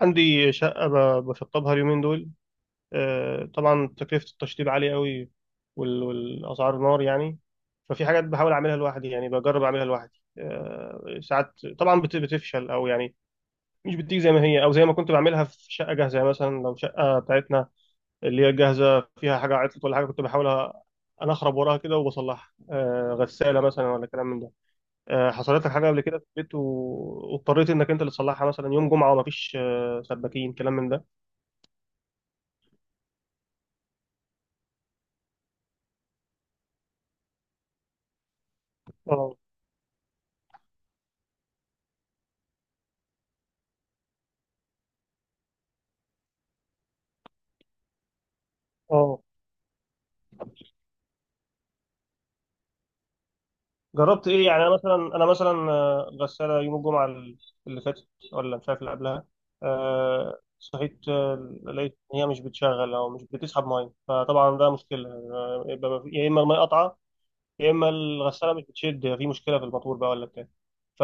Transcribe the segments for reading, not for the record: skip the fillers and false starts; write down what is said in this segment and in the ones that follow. عندي شقة بشطبها اليومين دول. طبعا تكلفة التشطيب عالية قوي، والأسعار نار يعني. ففي حاجات بحاول أعملها لوحدي، يعني بجرب أعملها لوحدي ساعات طبعا بتفشل أو يعني مش بتيجي زي ما هي، أو زي ما كنت بعملها في شقة جاهزة. يعني مثلا لو شقة بتاعتنا اللي هي جاهزة فيها حاجة عطلت ولا حاجة، كنت بحاول أنخرب وراها كده وبصلحها. غسالة مثلا، ولا كلام من ده. حصلت لك حاجة قبل كده في البيت واضطريت إنك أنت اللي تصلحها، مثلا يوم جمعة ومفيش سباكين، كلام من ده؟ اه، اه. جربت ايه يعني؟ انا مثلا غساله يوم الجمعه اللي فاتت، ولا مش عارف اللي قبلها. صحيت، لقيت ان هي مش بتشغل او مش بتسحب ميه. فطبعا ده مشكله، يبقى ما في- يا اما الميه قطعه، يا اما الغساله مش بتشد، في مشكله في الموتور بقى ولا بتاع. ف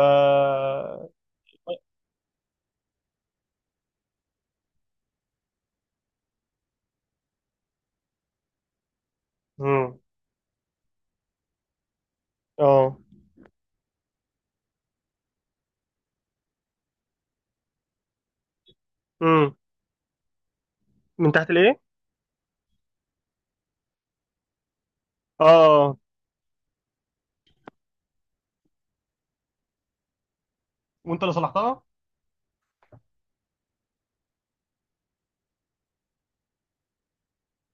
امم. اه. امم. من تحت الايه؟ اه. وانت اللي صلحتها؟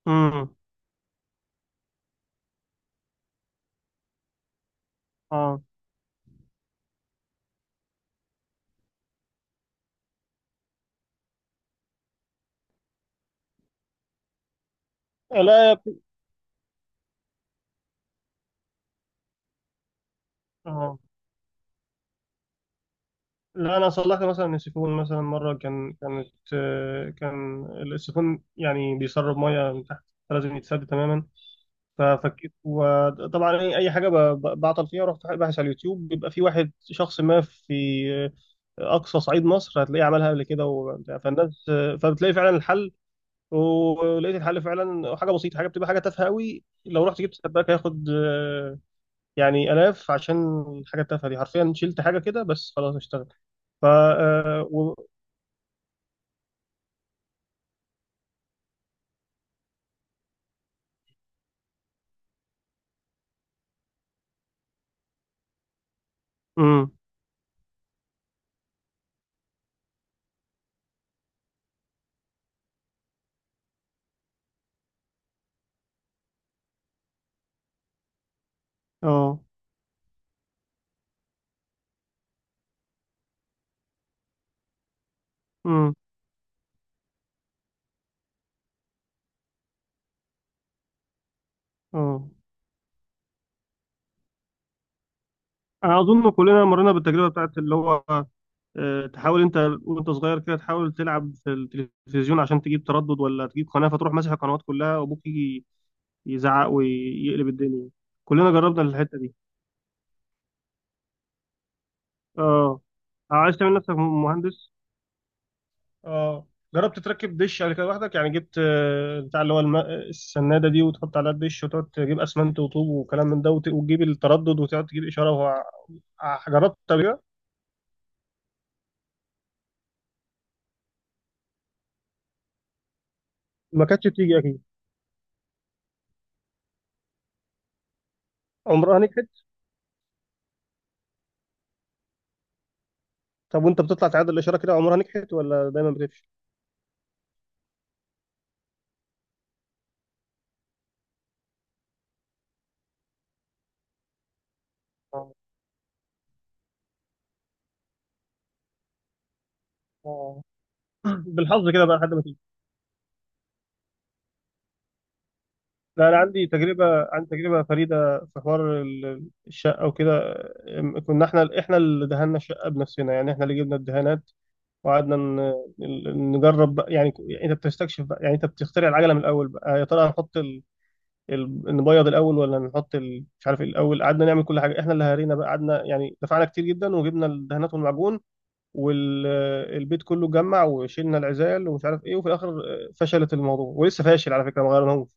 امم. اه. لا يا ابني. اه. لا، انا صلحت مثلا السيفون مثلا مره كان كانت كان السيفون يعني بيسرب ميه من تحت، فلازم يتسد تماما. ففكيت. وطبعا أي حاجه بعطل فيها، رحت باحث على اليوتيوب. بيبقى في واحد شخص ما في آه، اقصى صعيد مصر هتلاقيه عملها قبل كده وبتاع. فالناس فبتلاقي فعلا الحل. ولقيت الحل فعلا، حاجه بسيطه، حاجه بتبقى حاجه تافهه قوي. لو رحت جبت سباك هياخد يعني الاف عشان الحاجه التافهه دي. حرفيا شلت حاجه كده بس، خلاص اشتغل. ف آه، و... مم. اه. مم. اه. انا اظن كلنا مرينا بالتجربه بتاعت اللي هو تحاول انت وانت صغير كده تحاول تلعب في التلفزيون عشان تجيب تردد ولا تجيب قناه، فتروح ماسح القنوات كلها، وابوك يجي يزعق ويقلب الدنيا. كلنا جربنا الحته دي. اه. عايز تعمل نفسك مهندس. اه. جربت تركب دش قبل كده لوحدك؟ يعني جبت بتاع اللي هو السناده دي وتحط عليها الدش، وتقعد تجيب اسمنت وطوب وكلام من ده، وتجيب التردد وتقعد تجيب اشاره. جربت قبل كده، ما كانتش بتيجي اكيد. عمرها نجحت؟ طب وانت بتطلع تعادل الاشاره كده، عمرها نجحت ولا دايما بتفشل؟ آه. آه. بالحظ كده بقى لحد ما تيجي. لا، انا عندي تجربه. عندي تجربه فريده في حوار الشقه وكده. كنا احنا اللي دهنا الشقه بنفسنا، يعني احنا اللي جبنا الدهانات، وقعدنا نجرب بقى، يعني يعني انت بتستكشف بقى، يعني انت بتخترع العجله من الاول بقى. يا ترى هنحط نبيض الاول، ولا نحط مش عارف إيه الاول. قعدنا نعمل كل حاجه، احنا اللي هرينا بقى. قعدنا يعني دفعنا كتير جدا، وجبنا الدهانات والمعجون، والبيت كله اتجمع وشيلنا العزال ومش عارف ايه. وفي الاخر فشلت الموضوع، ولسه فاشل على فكره، ما غيرناهوش.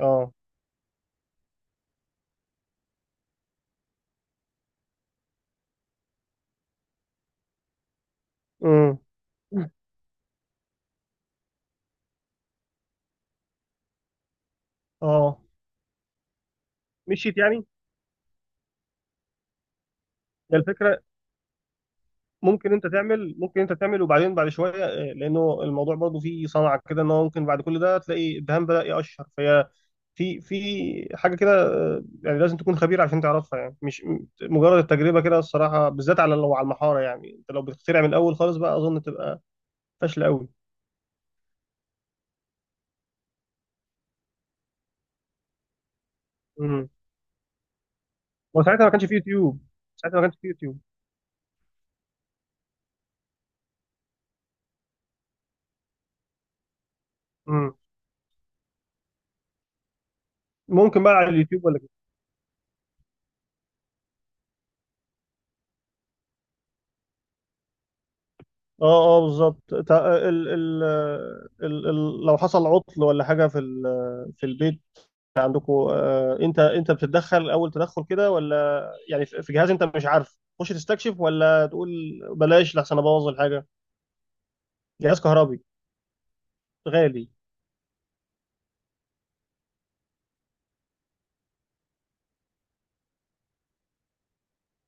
اه. امم. اه. مشيت يعني، هي الفكره. ممكن انت تعمل وبعدين بعد شويه لانه الموضوع برضو فيه صنعه كده، ان هو ممكن بعد كل ده تلاقي الدهان بدا يقشر. فهي في حاجه كده، يعني لازم تكون خبير عشان تعرفها. يعني مش مجرد التجربه كده الصراحه، بالذات على لو على المحاره. يعني انت لو بتخترع من الاول خالص بقى، اظن تبقى فاشله قوي. امم. وساعتها ما كانش في يوتيوب. ساعتها ما كانش في يوتيوب. امم. ممكن بقى على اليوتيوب ولا كده؟ اه، اه، بالظبط. ال ال ال ال لو حصل عطل ولا حاجه في في البيت عندكم، انت بتتدخل اول تدخل كده، ولا يعني في جهاز انت مش عارف تخش تستكشف، ولا تقول بلاش لحسن ابوظ الحاجه، جهاز كهربي غالي؟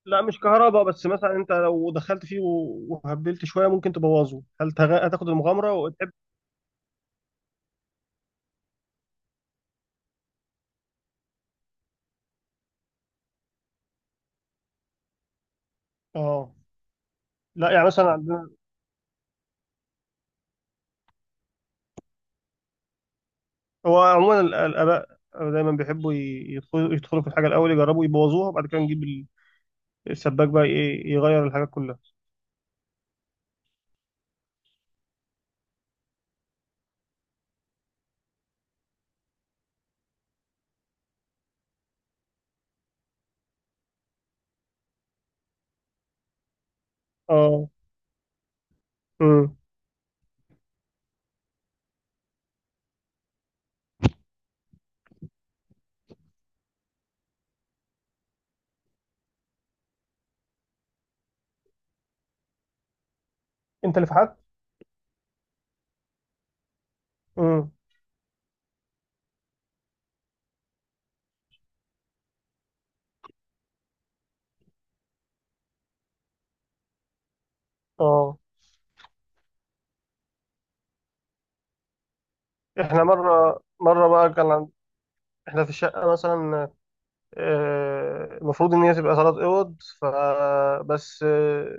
لا، مش كهرباء بس. مثلا انت لو دخلت فيه وهبلت شويه ممكن تبوظه، هل هتاخد المغامره وتحب؟ اه. لا يعني مثلا عندنا، هو عموما الاباء دايما بيحبوا يدخلوا في الحاجه الاول، يجربوا يبوظوها، وبعد كده نجيب السباك بقى يغير الحاجات كلها. اه. امم. انت اللي فحت؟ امم. اه. احنا مره مره بقى كان عند... احنا في الشقه مثلا المفروض ان هي تبقى 3 اوض، فبس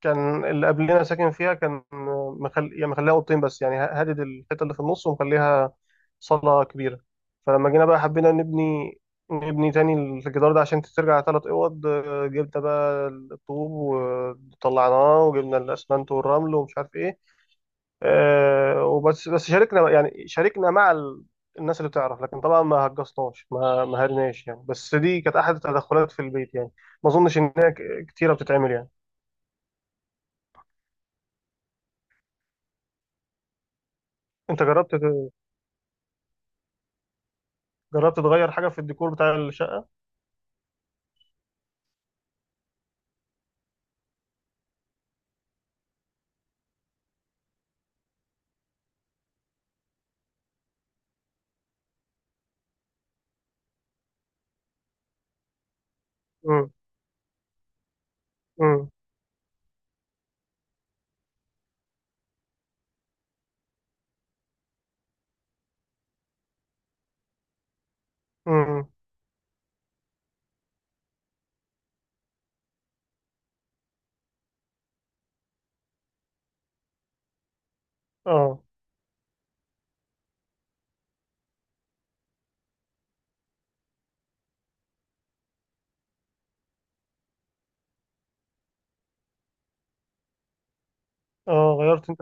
كان اللي قبلنا ساكن فيها كان يعني مخليها اوضتين بس، يعني هادد الحته اللي في النص ومخليها صاله كبيره. فلما جينا بقى حبينا نبني تاني الجدار ده عشان ترجع 3 اوض. جبنا بقى الطوب وطلعناه، وجبنا الاسمنت والرمل ومش عارف ايه. وبس بس شاركنا، يعني شاركنا مع الناس اللي بتعرف، لكن طبعا ما هجصناش، ما هرناش يعني. بس دي كانت احد التدخلات في البيت يعني، ما اظنش ان هي كتيره بتتعمل يعني. انت جربت جربت تغير حاجه في الديكور بتاع الشقه؟ امم، امم، امم. اه، اه. غيرت انت؟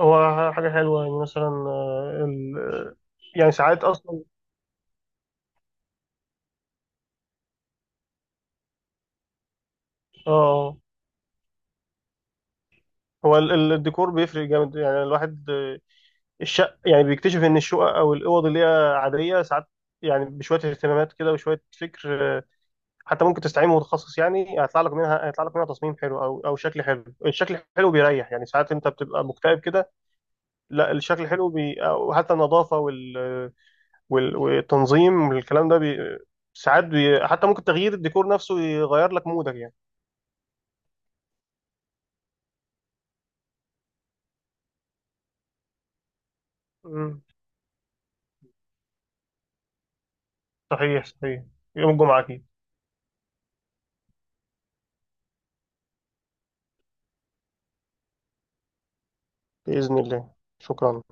هو حاجه حلوه يعني، مثلا يعني ساعات اصلا. اه، هو الديكور بيفرق جامد، يعني الواحد الشق يعني بيكتشف ان الشقق او الاوض اللي هي عاديه ساعات. يعني بشويه اهتمامات كده وشويه فكر، حتى ممكن تستعين متخصص يعني، هيطلع لك منها تصميم حلو او شكل حلو. الشكل الحلو بيريح. يعني ساعات انت بتبقى مكتئب كده، لا، الشكل الحلو او حتى النظافه والتنظيم والكلام ده ساعات حتى ممكن تغيير الديكور نفسه يغير لك مودك يعني. مم. صحيح، صحيح. يوم الجمعه اكيد. باذن الله. شكرا.